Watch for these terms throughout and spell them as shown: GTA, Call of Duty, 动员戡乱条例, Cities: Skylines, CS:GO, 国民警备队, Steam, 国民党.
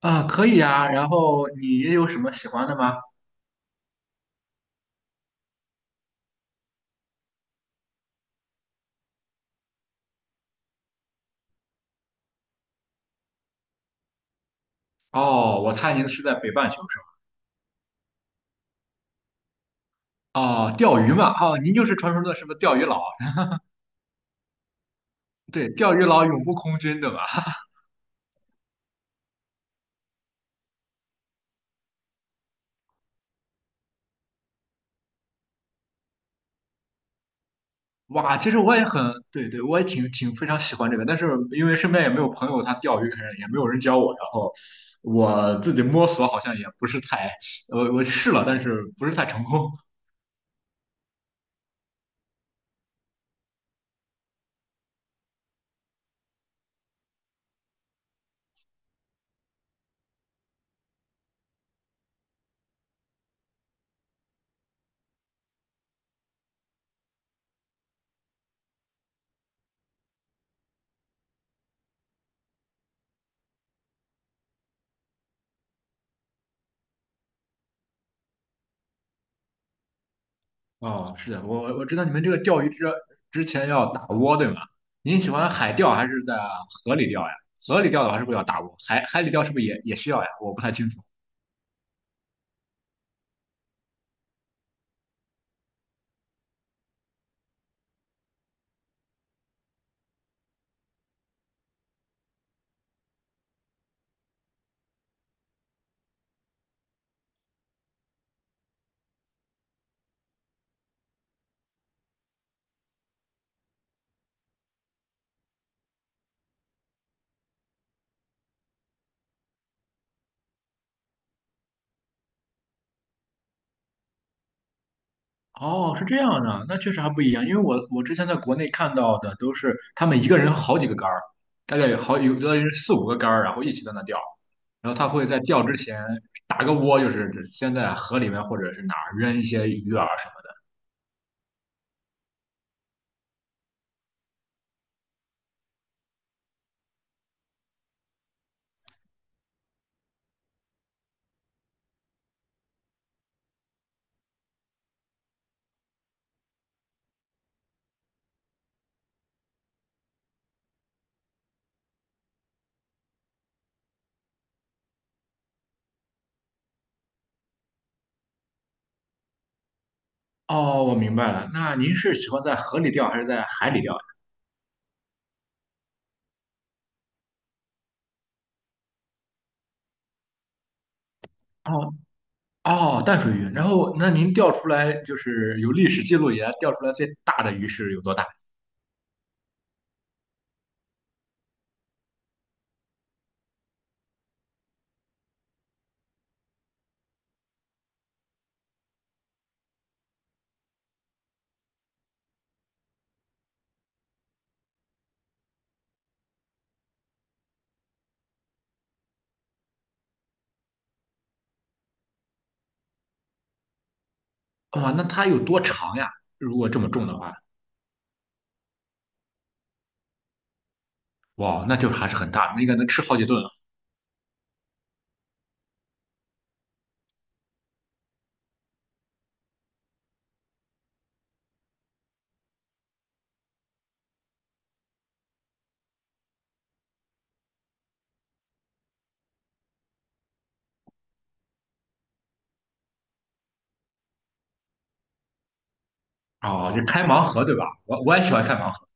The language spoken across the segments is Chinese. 啊，可以啊。然后你也有什么喜欢的吗？哦，我猜您是在北半球是吧？哦，钓鱼嘛，哦，您就是传说中的什么钓鱼佬？对，钓鱼佬永不空军，对吧？哇，其实我也很，对对，我也挺非常喜欢这个，但是因为身边也没有朋友他钓鱼，也没有人教我，然后我自己摸索好像也不是太，我试了，但是不是太成功。哦，是的，我知道你们这个钓鱼之前要打窝，对吗？您喜欢海钓还是在河里钓呀？河里钓的话是不是要打窝？海里钓是不是也需要呀？我不太清楚。哦，是这样的，那确实还不一样，因为我之前在国内看到的都是他们一个人好几个杆儿，大概有好有的人四五个杆儿，然后一起在那钓，然后他会在钓之前打个窝，就是先在河里面或者是哪儿扔一些鱼饵什么的。哦，我明白了，那您是喜欢在河里钓还是在海里钓呀？哦。哦，淡水鱼。然后，那您钓出来就是有历史记录以来钓出来最大的鱼是有多大？哇，那它有多长呀？如果这么重的话，哇，那就还是很大，那个能吃好几顿啊。哦，就开盲盒对吧？我也喜欢开盲盒。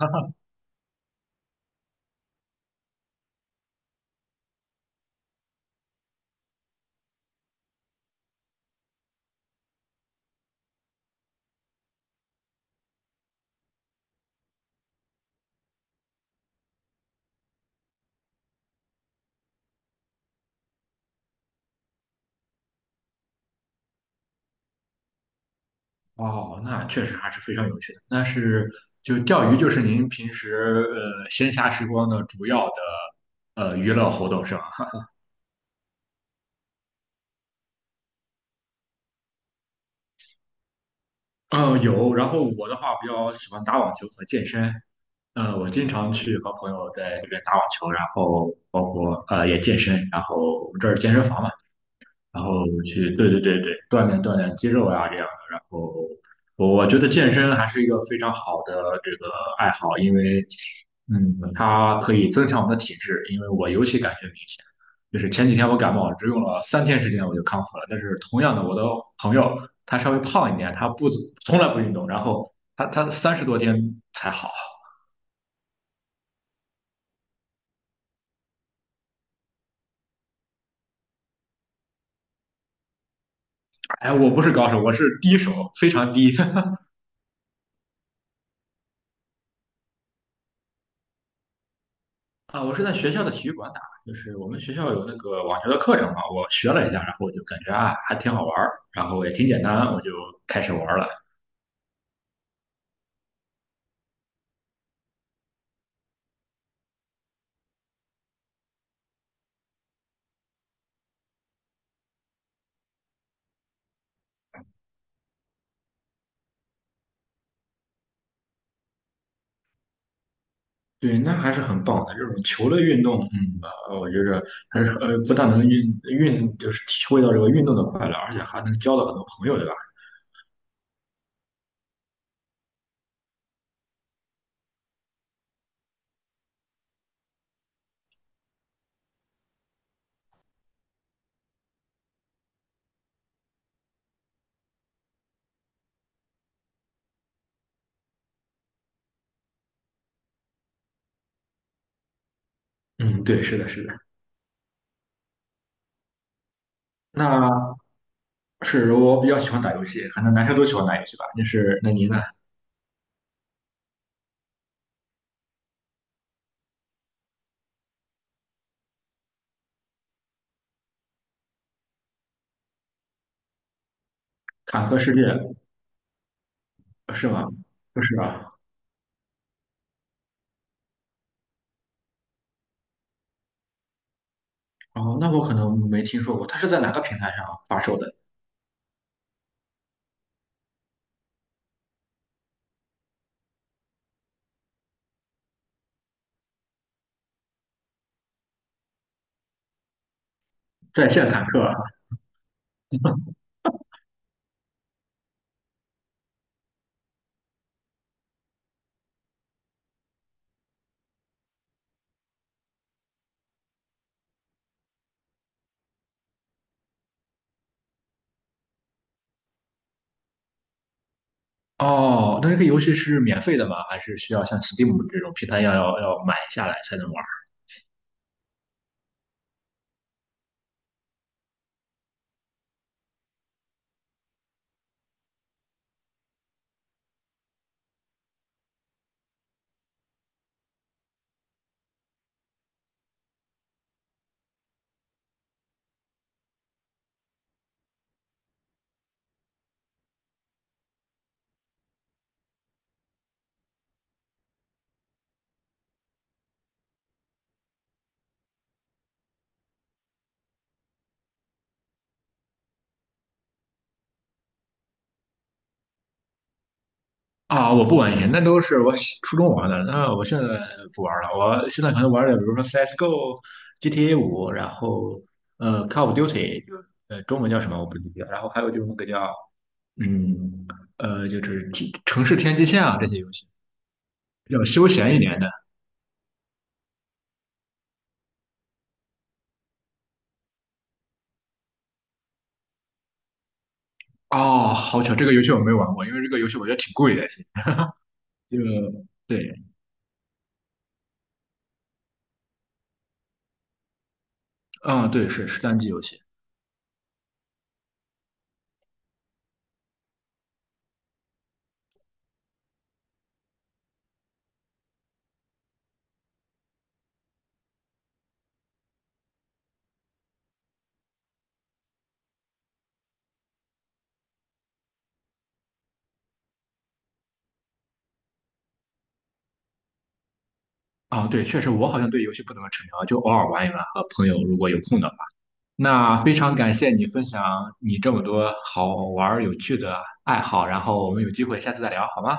哦，那确实还是非常有趣的。那是就钓鱼，就是您平时闲暇时光的主要的娱乐活动是吧？嗯，有。然后我的话比较喜欢打网球和健身，我经常去和朋友在这边打网球，然后包括也健身，然后我们这儿健身房嘛，然后去，对对对对，锻炼锻炼肌肉啊这样的。然后我觉得健身还是一个非常好的这个爱好，因为嗯，它可以增强我们的体质，因为我尤其感觉明显，就是前几天我感冒，只用了三天时间我就康复了。但是同样的，我的朋友他稍微胖一点，他不从来不运动，然后他三十多天才好。哎，我不是高手，我是低手，非常低。啊，我是在学校的体育馆打，就是我们学校有那个网球的课程嘛，我学了一下，然后我就感觉啊，还挺好玩儿，然后也挺简单，我就开始玩儿了。对，那还是很棒的，这种球类运动，嗯，我觉着还是不但能运，就是体会到这个运动的快乐，而且还能交到很多朋友，对吧？嗯，对，是的，是的。那是我比较喜欢打游戏，可能男生都喜欢打游戏吧。那是那您呢？坦克世界是吗？不是吧？哦，那我可能没听说过，它是在哪个平台上发售的？在线谈课啊。哦，那这个游戏是免费的吗？还是需要像 Steam 这种平台一样要买下来才能玩？啊，我不玩以前那都是我初中玩的，那我现在不玩了。我现在可能玩的，比如说 CS:GO、GTA 五，然后Call of Duty，中文叫什么我不记得，然后还有就是那个叫嗯呃就是天城市天际线啊这些游戏，比较休闲一点的。哦，好巧，这个游戏我没玩过，因为这个游戏我觉得挺贵的，就对。嗯，对，是是单机游戏。啊，对，确实我好像对游戏不怎么沉迷啊就偶尔玩一玩，和朋友如果有空的话。那非常感谢你分享你这么多好玩儿有趣的爱好，然后我们有机会下次再聊，好吗？